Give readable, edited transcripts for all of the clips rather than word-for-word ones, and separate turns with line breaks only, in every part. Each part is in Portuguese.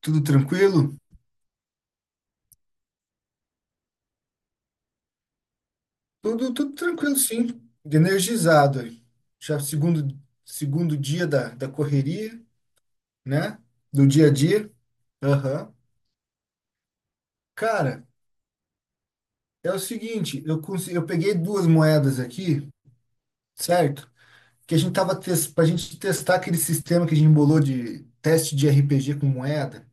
Tudo tranquilo? Tudo, tudo tranquilo, sim. Energizado. Aí. Já segundo, segundo dia da, da correria, né? Do dia a dia. Aham. Cara, é o seguinte, eu consegui, eu peguei duas moedas aqui, certo? Que a gente tava para a gente testar aquele sistema que a gente embolou de teste de RPG com moeda.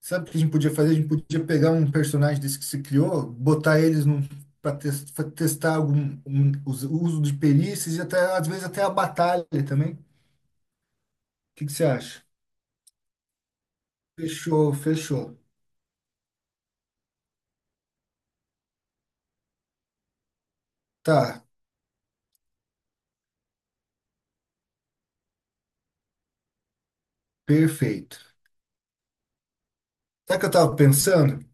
Sabe o que a gente podia fazer? A gente podia pegar um personagem desse que se criou, botar eles num, para testar algum, os- o uso de perícias e até, às vezes até a batalha também. O que que você acha? Fechou, fechou. Tá, perfeito. Sabe o que eu tava pensando?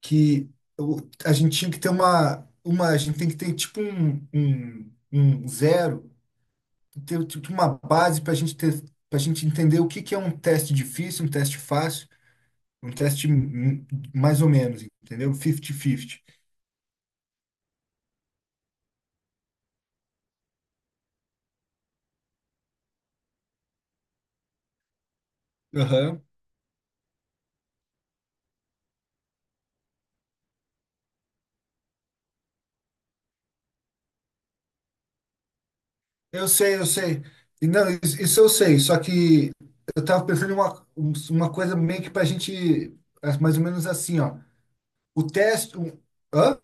Que a gente tinha que ter uma, a gente tem que ter tipo um zero, ter tipo uma base para a gente ter, para gente entender o que que é um teste difícil, um teste fácil. Um teste mais ou menos, entendeu? 50-50. Aham. Eu sei, eu sei. E não, isso eu sei, só que eu tava pensando em uma, uma coisa meio que pra gente, é, mais ou menos assim, ó. O teste. Hã?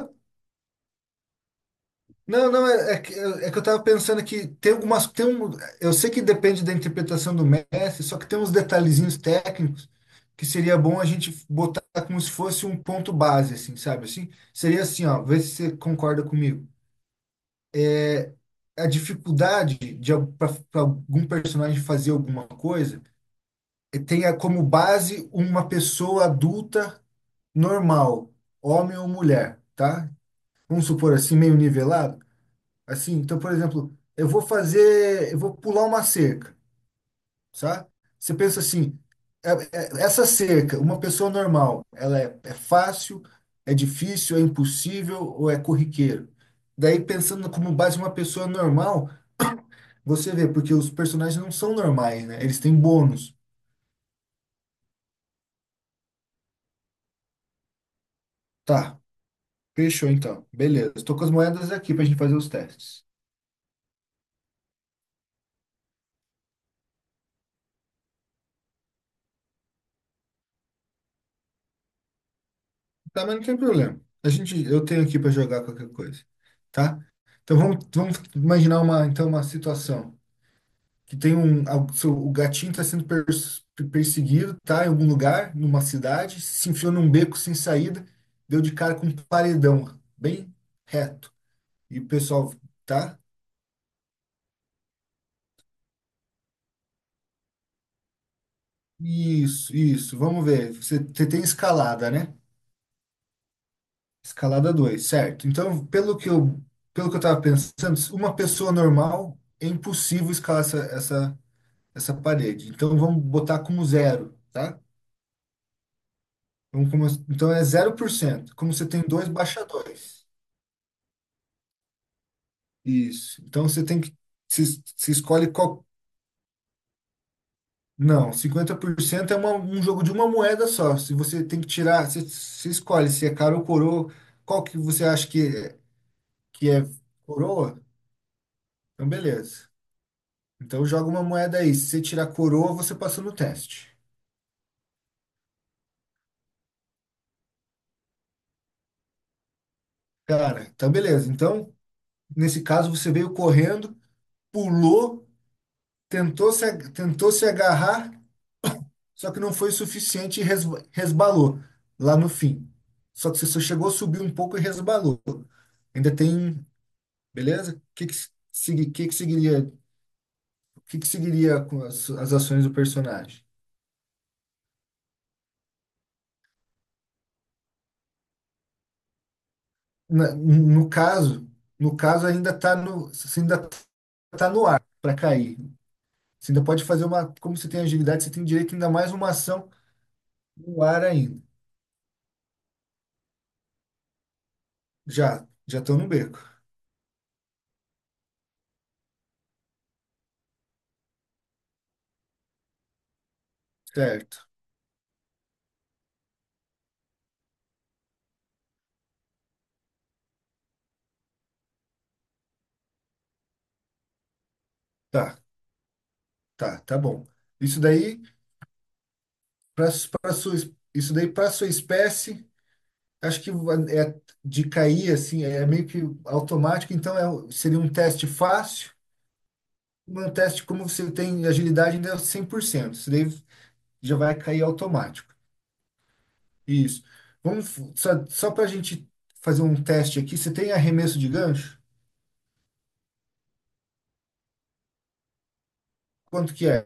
Não, não, é, é que eu tava pensando que tem algumas. Tem um, eu sei que depende da interpretação do mestre, só que tem uns detalhezinhos técnicos que seria bom a gente botar como se fosse um ponto base, assim, sabe? Assim, seria assim, ó, vê se você concorda comigo. A dificuldade de para algum personagem fazer alguma coisa tenha como base uma pessoa adulta normal, homem ou mulher, tá? Vamos supor assim, meio nivelado. Assim, então, por exemplo, eu vou pular uma cerca, sabe? Você pensa assim, essa cerca, uma pessoa normal, ela é fácil, é difícil, é impossível ou é corriqueiro? Daí, pensando como base uma pessoa normal, você vê, porque os personagens não são normais, né? Eles têm bônus. Tá, fechou então. Beleza. Estou com as moedas aqui pra gente fazer os testes. Tá, mas não tem problema. A gente, eu tenho aqui pra jogar qualquer coisa, tá? Então vamos, vamos imaginar uma situação. Que tem um, o gatinho está sendo perseguido, tá em algum lugar, numa cidade, se enfiou num beco sem saída, deu de cara com um paredão, bem reto. E o pessoal, tá? Isso, vamos ver. Você, você tem escalada, né? Escalada 2, certo. Então, pelo que eu estava pensando, uma pessoa normal é impossível escalar essa parede. Então, vamos botar como zero, tá? Vamos começar. Então, é zero por cento. Como você tem dois, baixa dois. Isso. Então você tem que. Se escolhe qual. Não, 50% é um jogo de uma moeda só. Se você tem que tirar. Você, você escolhe se é cara ou coroa. Qual que você acha que, que é coroa? Então, beleza. Então joga uma moeda aí. Se você tirar coroa, você passa no teste. Cara, então beleza. Então, nesse caso, você veio correndo, pulou, tentou se agarrar. Só que não foi o suficiente e resbalou lá no fim. Só que você só chegou a subir um pouco e resbalou. Ainda tem, beleza? O que que, segui- que seguiria, o que que seguiria com as, as ações do personagem? No caso, no caso ainda está no, você ainda tá no ar para cair. Você ainda pode fazer uma, como você tem agilidade, você tem direito ainda mais uma ação no ar ainda. Já, já estão no beco. Certo. Tá, tá, tá bom. Isso daí para sua, isso daí para sua espécie, acho que é de cair assim, é meio que automático, então seria um teste fácil, um teste como você tem agilidade ainda é 100%, isso daí já vai cair automático. Isso. Só, só para a gente fazer um teste aqui, você tem arremesso de gancho? Quanto que é?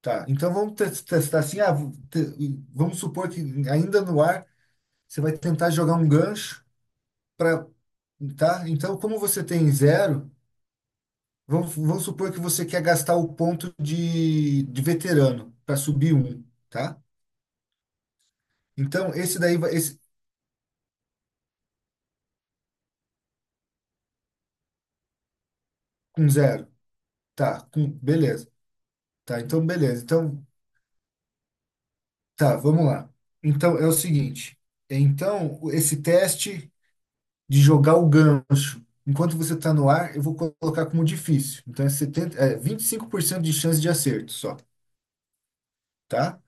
Tá. Então vamos testar assim, ah, vamos supor que ainda no ar você vai tentar jogar um gancho para. Tá? Então, como você tem zero, vamos, vamos supor que você quer gastar o ponto de veterano para subir um, tá? Então, esse daí vai, esse, com zero, tá? Com, beleza, tá? Então, beleza. Então, tá, vamos lá. Então, é o seguinte: então, esse teste de jogar o gancho, enquanto você está no ar, eu vou colocar como difícil. Então, é 70, é 25% de chance de acerto só, tá?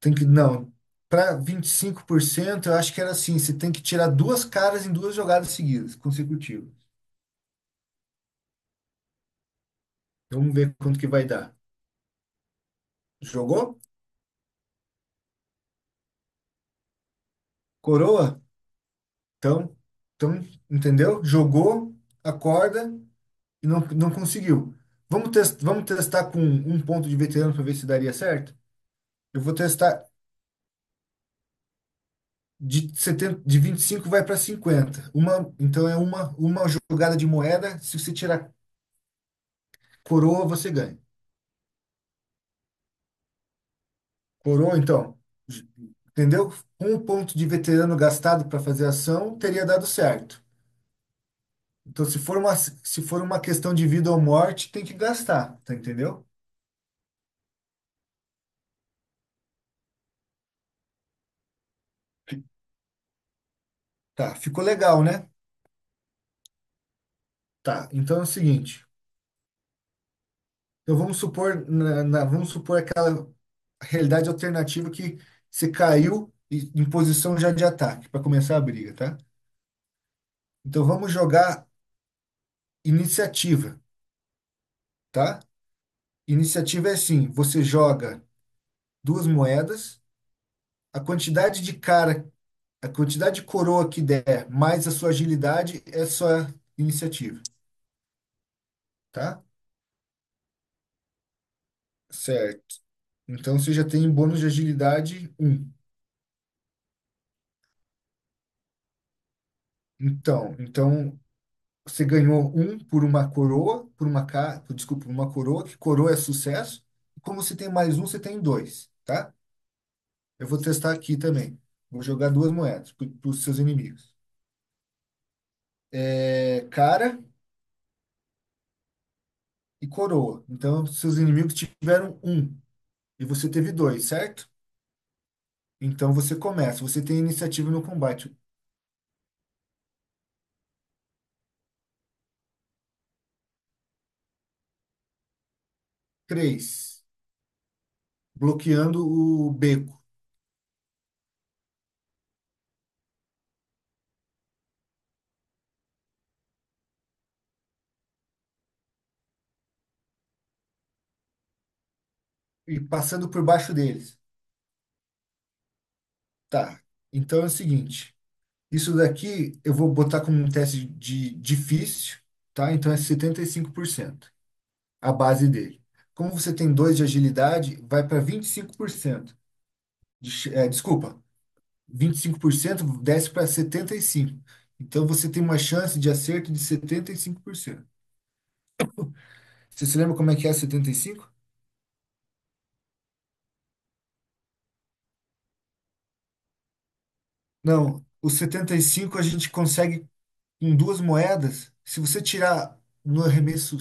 Tem que, não, para 25% eu acho que era assim, você tem que tirar duas caras em duas jogadas seguidas, consecutivas. Vamos ver quanto que vai dar. Jogou? Coroa? Então, então, entendeu? Jogou, acorda e não, não conseguiu. Vamos testar com um ponto de veterano para ver se daria certo? Eu vou testar de setenta, de 25 vai para cinquenta. Uma, então é uma jogada de moeda, se você tirar coroa, você ganha. Coroa, então, j- entendeu? Um ponto de veterano gastado para fazer ação teria dado certo. Então, se for uma, se for uma questão de vida ou morte, tem que gastar, tá, entendeu? Tá, ficou legal, né? Tá, então é o seguinte. Então vamos supor, vamos supor aquela realidade alternativa que você em posição já de ataque para começar a briga, tá? Então vamos jogar iniciativa, tá? Iniciativa é assim, você joga duas moedas, a quantidade de cara a quantidade de coroa que der, mais a sua agilidade, é sua iniciativa, tá? Certo. Então você já tem bônus de agilidade um. Então, então você ganhou um por uma coroa, por uma ca... por- desculpa, por uma coroa, que coroa é sucesso. E como você tem mais um, você tem dois, tá? Eu vou testar aqui também. Vou jogar duas moedas para os seus inimigos. É, cara e coroa. Então, seus inimigos tiveram um e você teve dois, certo? Então você começa, você tem iniciativa no combate. Três, bloqueando o beco e passando por baixo deles. Tá. Então é o seguinte, isso daqui eu vou botar como um teste de difícil, tá? Então é 75% a base dele. Como você tem dois de agilidade, vai para 25%. Desculpa, 25% desce para 75%. Então você tem uma chance de acerto de 75%. Você se lembra como é que é 75? Não, os 75 a gente consegue em duas moedas. Se você tirar no arremesso,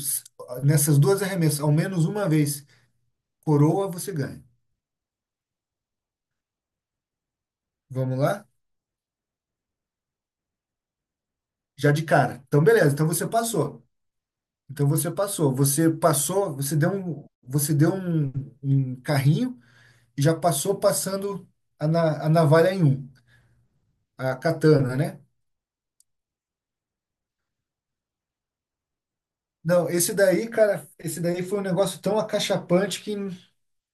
nessas duas arremessas, ao menos uma vez, coroa, você ganha. Vamos lá? Já de cara. Então, beleza. Então você passou. Então você passou. Você passou, um carrinho e já passou passando a navalha em um, a katana, né? Não, esse daí, cara, esse daí foi um negócio tão acachapante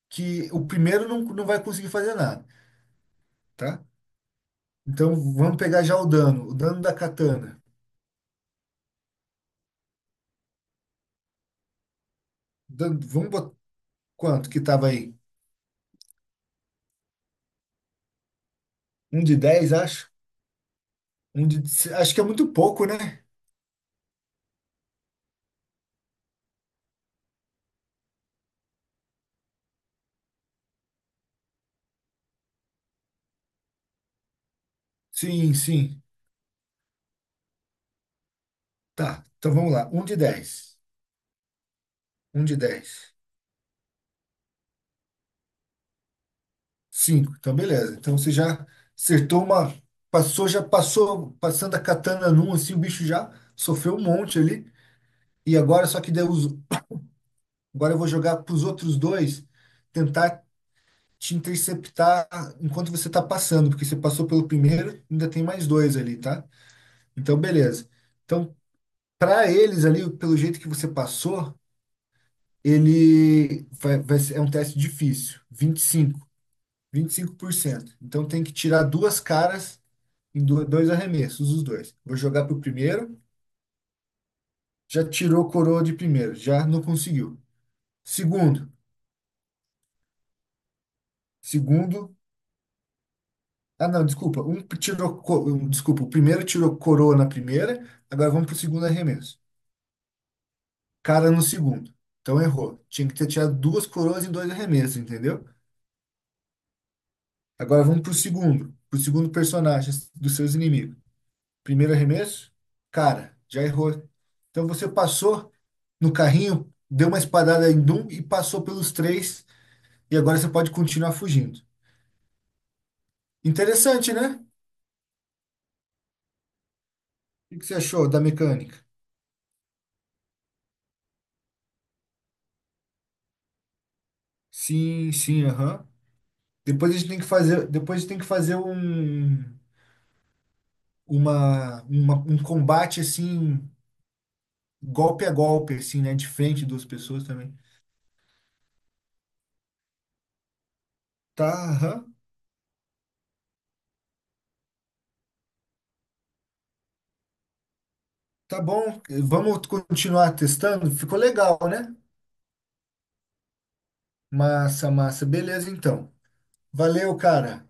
que o primeiro não, não vai conseguir fazer nada. Tá? Então vamos pegar já o dano da katana. Vamos botar quanto que tava aí? Um de 10 acho. Um de, acho que é muito pouco, né? Sim, sim. Tá, então vamos lá. Um de dez. Um de 10. 5. Então beleza. Então você já acertou uma. Passou, já passou, passando a katana num, assim, o bicho já sofreu um monte ali. E agora, só que deu os, agora eu vou jogar pros outros dois, tentar te interceptar enquanto você está passando, porque você passou pelo primeiro, ainda tem mais dois ali, tá? Então, beleza. Então, para eles ali, pelo jeito que você passou, vai ser, é um teste difícil, vinte e cinco por cento. Então, tem que tirar duas caras em dois arremessos, os dois. Vou jogar pro primeiro, já tirou coroa de primeiro, já não conseguiu. Segundo, segundo Ah, não, desculpa. Desculpa, o primeiro tirou coroa na primeira, agora vamos pro segundo arremesso. Cara no segundo. Então errou. Tinha que ter tirado duas coroas em dois arremessos, entendeu? Agora vamos pro segundo personagem dos seus inimigos. Primeiro arremesso, cara, já errou. Então você passou no carrinho, deu uma espadada em um e passou pelos três, e agora você pode continuar fugindo. Interessante, né? O que que você achou da mecânica? Sim, sim, aham. Depois a gente tem que fazer, depois a gente tem que fazer um, um combate assim, golpe a golpe, assim, né? De frente duas pessoas também. Tá, aham. Tá bom. Vamos continuar testando? Ficou legal, né? Massa, massa. Beleza, então. Valeu, cara.